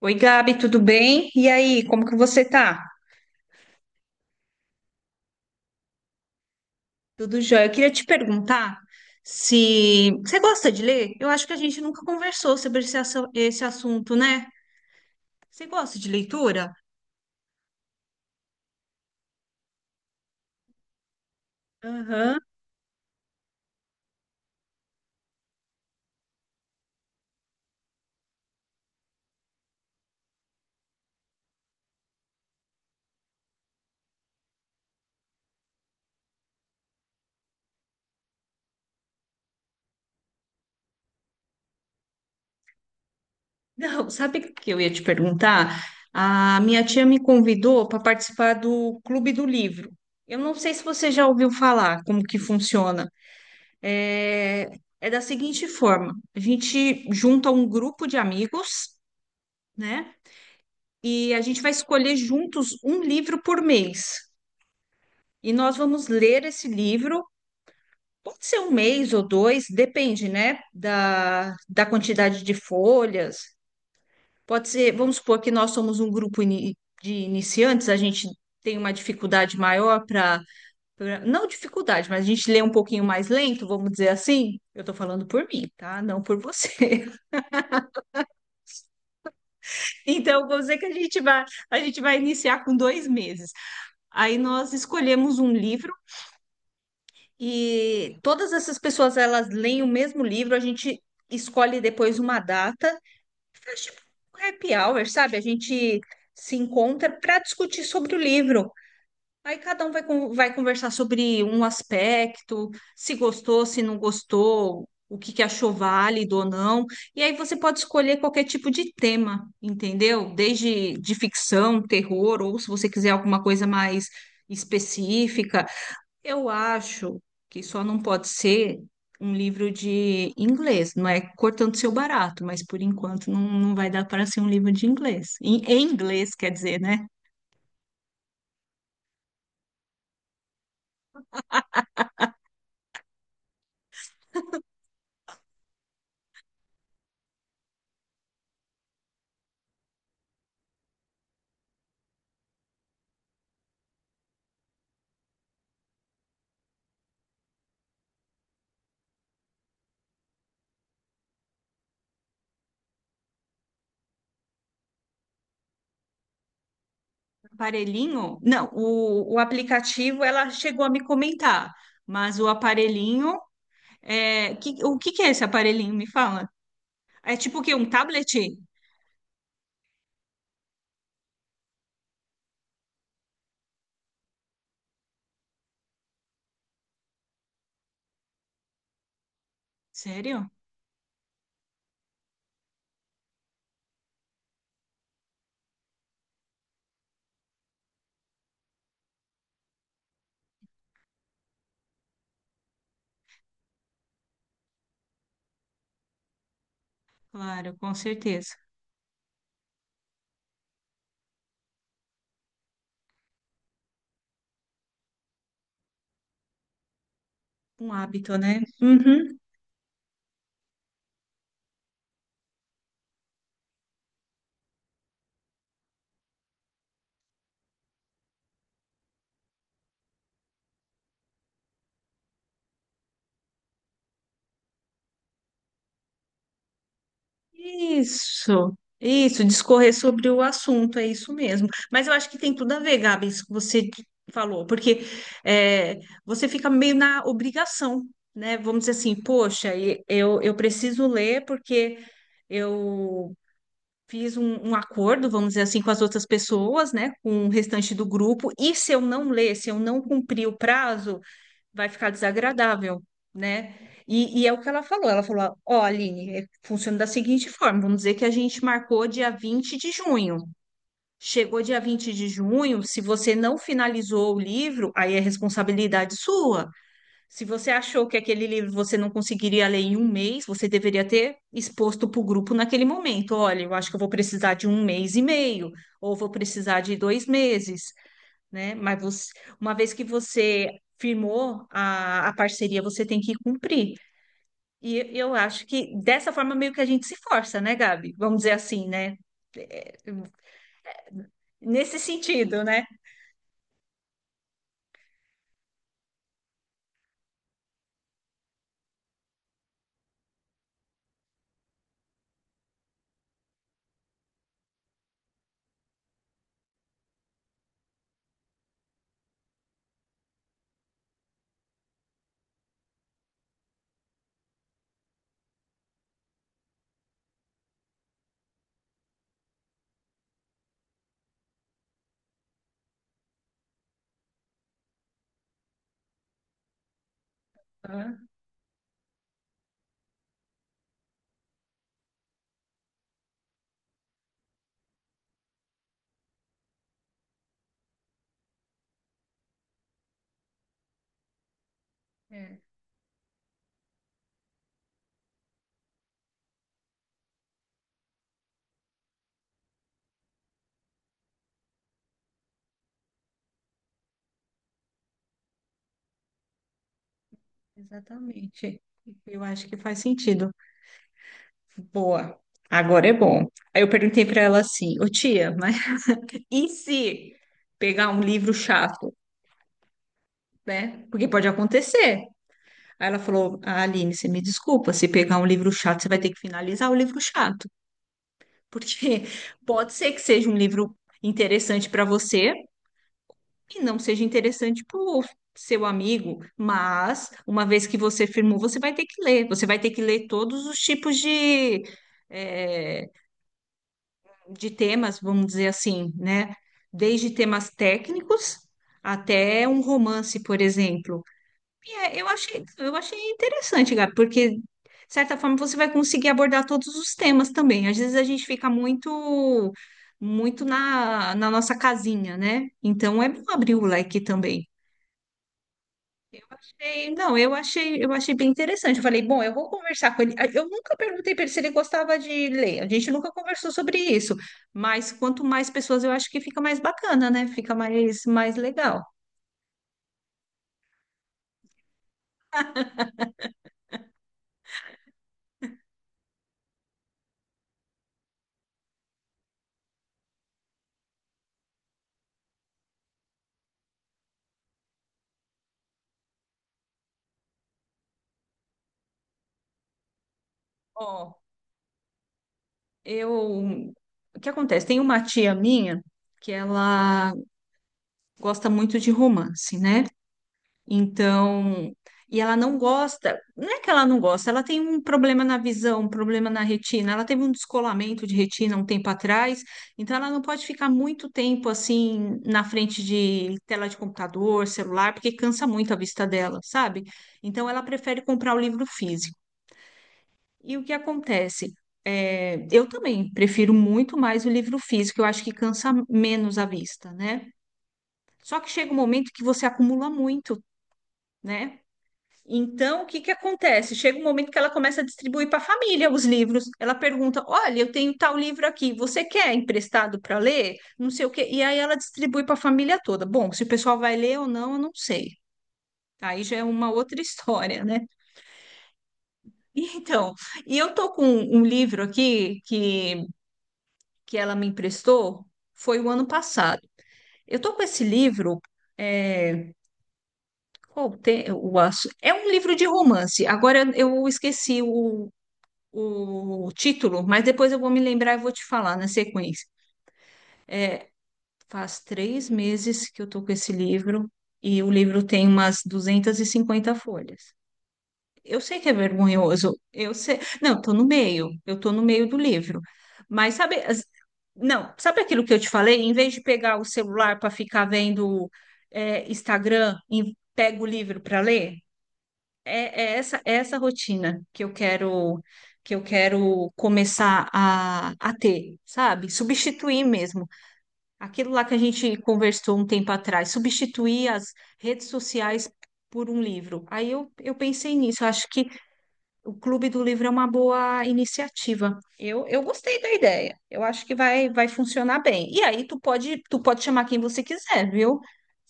Oi, Gabi, tudo bem? E aí, como que você tá? Tudo jóia? Eu queria te perguntar se você gosta de ler? Eu acho que a gente nunca conversou sobre esse assunto, né? Você gosta de leitura? Não, sabe o que eu ia te perguntar? A minha tia me convidou para participar do Clube do Livro. Eu não sei se você já ouviu falar como que funciona. É, é da seguinte forma: a gente junta um grupo de amigos, né? E a gente vai escolher juntos um livro por mês. E nós vamos ler esse livro, pode ser um mês ou dois, depende, né, da quantidade de folhas. Pode ser, vamos supor que nós somos um grupo de iniciantes, a gente tem uma dificuldade maior para, não dificuldade, mas a gente lê um pouquinho mais lento, vamos dizer assim. Eu estou falando por mim, tá? Não por você. Então, vamos dizer que a gente vai iniciar com 2 meses. Aí nós escolhemos um livro. E todas essas pessoas, elas leem o mesmo livro, a gente escolhe depois uma data, faz tipo um happy hour, sabe? A gente se encontra para discutir sobre o livro. Aí cada um vai conversar sobre um aspecto, se gostou, se não gostou, o que que achou válido ou não. E aí você pode escolher qualquer tipo de tema, entendeu? Desde de ficção, terror, ou se você quiser alguma coisa mais específica. Eu acho que só não pode ser um livro de inglês, não é cortando seu barato, mas por enquanto não, não vai dar para ser um livro de inglês. Em inglês, quer dizer, né? Aparelhinho? Não, o aplicativo ela chegou a me comentar, mas o aparelhinho, o que que é esse aparelhinho? Me fala. É tipo o quê? Um tablet? Sério? Claro, com certeza. Um hábito, né? Uhum. Isso, discorrer sobre o assunto, é isso mesmo. Mas eu acho que tem tudo a ver, Gabi, isso que você falou, porque é, você fica meio na obrigação, né? Vamos dizer assim, poxa, eu preciso ler porque eu fiz um acordo, vamos dizer assim, com as outras pessoas, né? Com o restante do grupo, e se eu não ler, se eu não cumprir o prazo vai ficar desagradável, né? E é o que ela falou. Ela falou: Ó, Aline, funciona da seguinte forma: vamos dizer que a gente marcou dia 20 de junho. Chegou dia 20 de junho, se você não finalizou o livro, aí é responsabilidade sua. Se você achou que aquele livro você não conseguiria ler em um mês, você deveria ter exposto para o grupo naquele momento. Olha, eu acho que eu vou precisar de 1 mês e meio, ou vou precisar de 2 meses, né? Mas uma vez que você firmou a parceria, você tem que cumprir. E eu acho que dessa forma meio que a gente se força, né, Gabi? Vamos dizer assim, né? Nesse sentido, né? Ah, é, exatamente. Eu acho que faz sentido. Boa. Agora é bom. Aí eu perguntei para ela assim, ô tia, mas e se pegar um livro chato, né? Porque pode acontecer. Aí ela falou: "Ah, Aline, você me desculpa, se pegar um livro chato, você vai ter que finalizar o livro chato, porque pode ser que seja um livro interessante para você e não seja interessante para o seu amigo, mas uma vez que você firmou, você vai ter que ler, você vai ter que ler todos os tipos eh, de temas, vamos dizer assim, né? Desde temas técnicos até um romance, por exemplo. É, eu achei interessante, Gabi, porque, de certa forma, você vai conseguir abordar todos os temas também. Às vezes a gente fica muito, muito na nossa casinha, né? Então é bom abrir o leque também. Não, eu achei bem interessante. Eu falei, bom, eu vou conversar com ele. Ah, eu nunca perguntei para ele se ele gostava de ler. A gente nunca conversou sobre isso. Mas quanto mais pessoas, eu acho que fica mais bacana, né? Fica mais legal. Ó, Eu, o que acontece? Tem uma tia minha que ela gosta muito de romance, né? Então, e ela não gosta, não é que ela não gosta, ela tem um problema na visão, um problema na retina. Ela teve um descolamento de retina um tempo atrás, então ela não pode ficar muito tempo assim na frente de tela de computador, celular, porque cansa muito a vista dela, sabe? Então ela prefere comprar o livro físico. E o que acontece? É, eu também prefiro muito mais o livro físico, eu acho que cansa menos a vista, né? Só que chega um momento que você acumula muito, né? Então, o que que acontece? Chega um momento que ela começa a distribuir para a família os livros. Ela pergunta: Olha, eu tenho tal livro aqui, você quer emprestado para ler? Não sei o quê. E aí ela distribui para a família toda. Bom, se o pessoal vai ler ou não, eu não sei. Aí já é uma outra história, né? Então, e eu tô com um livro aqui que ela me emprestou foi o ano passado. Eu estou com esse livro. É, qual tem, o, assu- é um livro de romance. Agora eu esqueci o título, mas depois eu vou me lembrar e vou te falar na sequência. Faz 3 meses que eu estou com esse livro e o livro tem umas 250 folhas. Eu sei que é vergonhoso, eu sei. Não, tô no meio, eu tô no meio do livro. Mas sabe, não, sabe aquilo que eu te falei? Em vez de pegar o celular para ficar vendo Instagram e pega o livro para ler, é, é essa rotina que eu quero começar a ter, sabe? Substituir mesmo. Aquilo lá que a gente conversou um tempo atrás, substituir as redes sociais por um livro. Aí eu pensei nisso, eu acho que o Clube do Livro é uma boa iniciativa. Eu gostei da ideia. Eu acho que vai funcionar bem. E aí tu pode chamar quem você quiser, viu?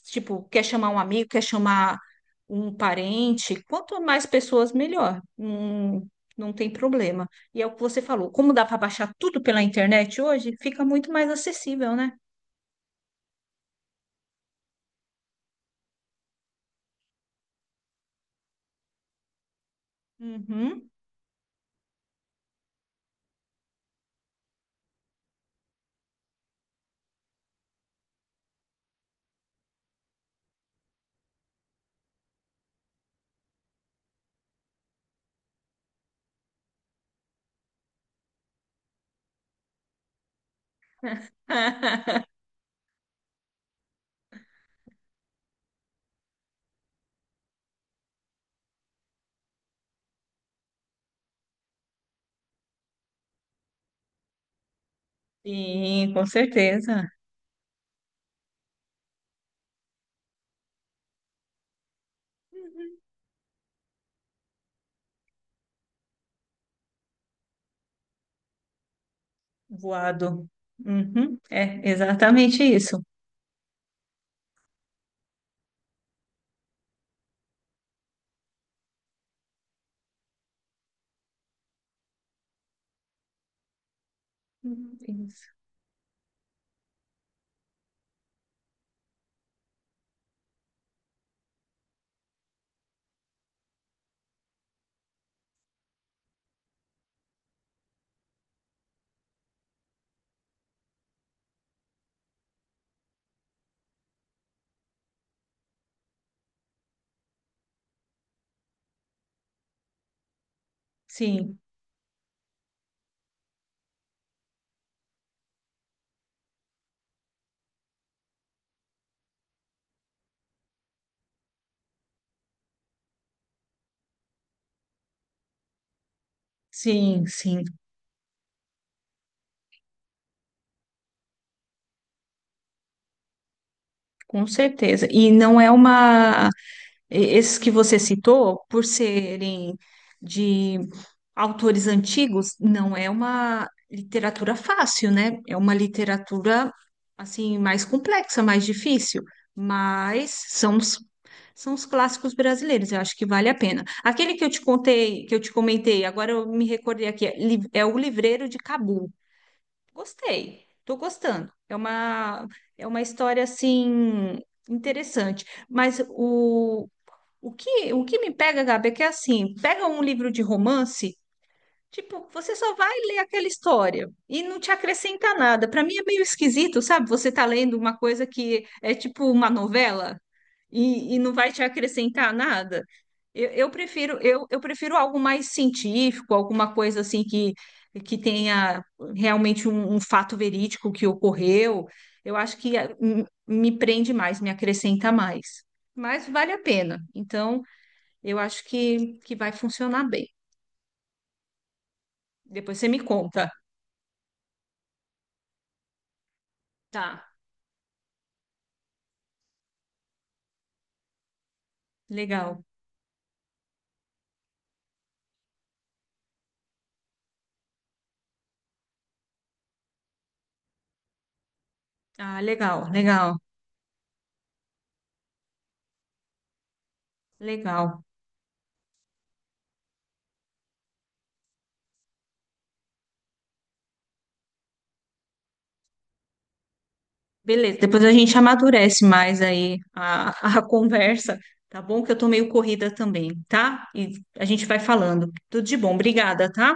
Tipo, quer chamar um amigo, quer chamar um parente. Quanto mais pessoas, melhor. Não tem problema. E é o que você falou. Como dá para baixar tudo pela internet hoje, fica muito mais acessível, né? Uhum. Sim, com certeza. Voado. Uhum. É exatamente isso. Isso. Sim, sim, sim, com certeza. E não é uma. Esses que você citou, por serem de autores antigos, não é uma literatura fácil, né? É uma literatura, assim, mais complexa, mais difícil, mas são os clássicos brasileiros, eu acho que vale a pena. Aquele que eu te contei, que eu te comentei, agora eu me recordei aqui, é O Livreiro de Cabu. Gostei, tô gostando. É uma história assim interessante. Mas o que me pega, Gabi, é que assim, pega um livro de romance, tipo, você só vai ler aquela história e não te acrescenta nada. Para mim é meio esquisito, sabe? Você tá lendo uma coisa que é tipo uma novela e não vai te acrescentar nada. Eu prefiro algo mais científico, alguma coisa assim que tenha realmente um fato verídico que ocorreu. Eu acho que me prende mais, me acrescenta mais. Mas vale a pena. Então, eu acho que vai funcionar bem. Depois você me conta. Tá. Legal. Ah, legal, legal, legal. Beleza, depois a gente amadurece mais aí a conversa, tá bom? Que eu tô meio corrida também, tá? E a gente vai falando. Tudo de bom, obrigada, tá?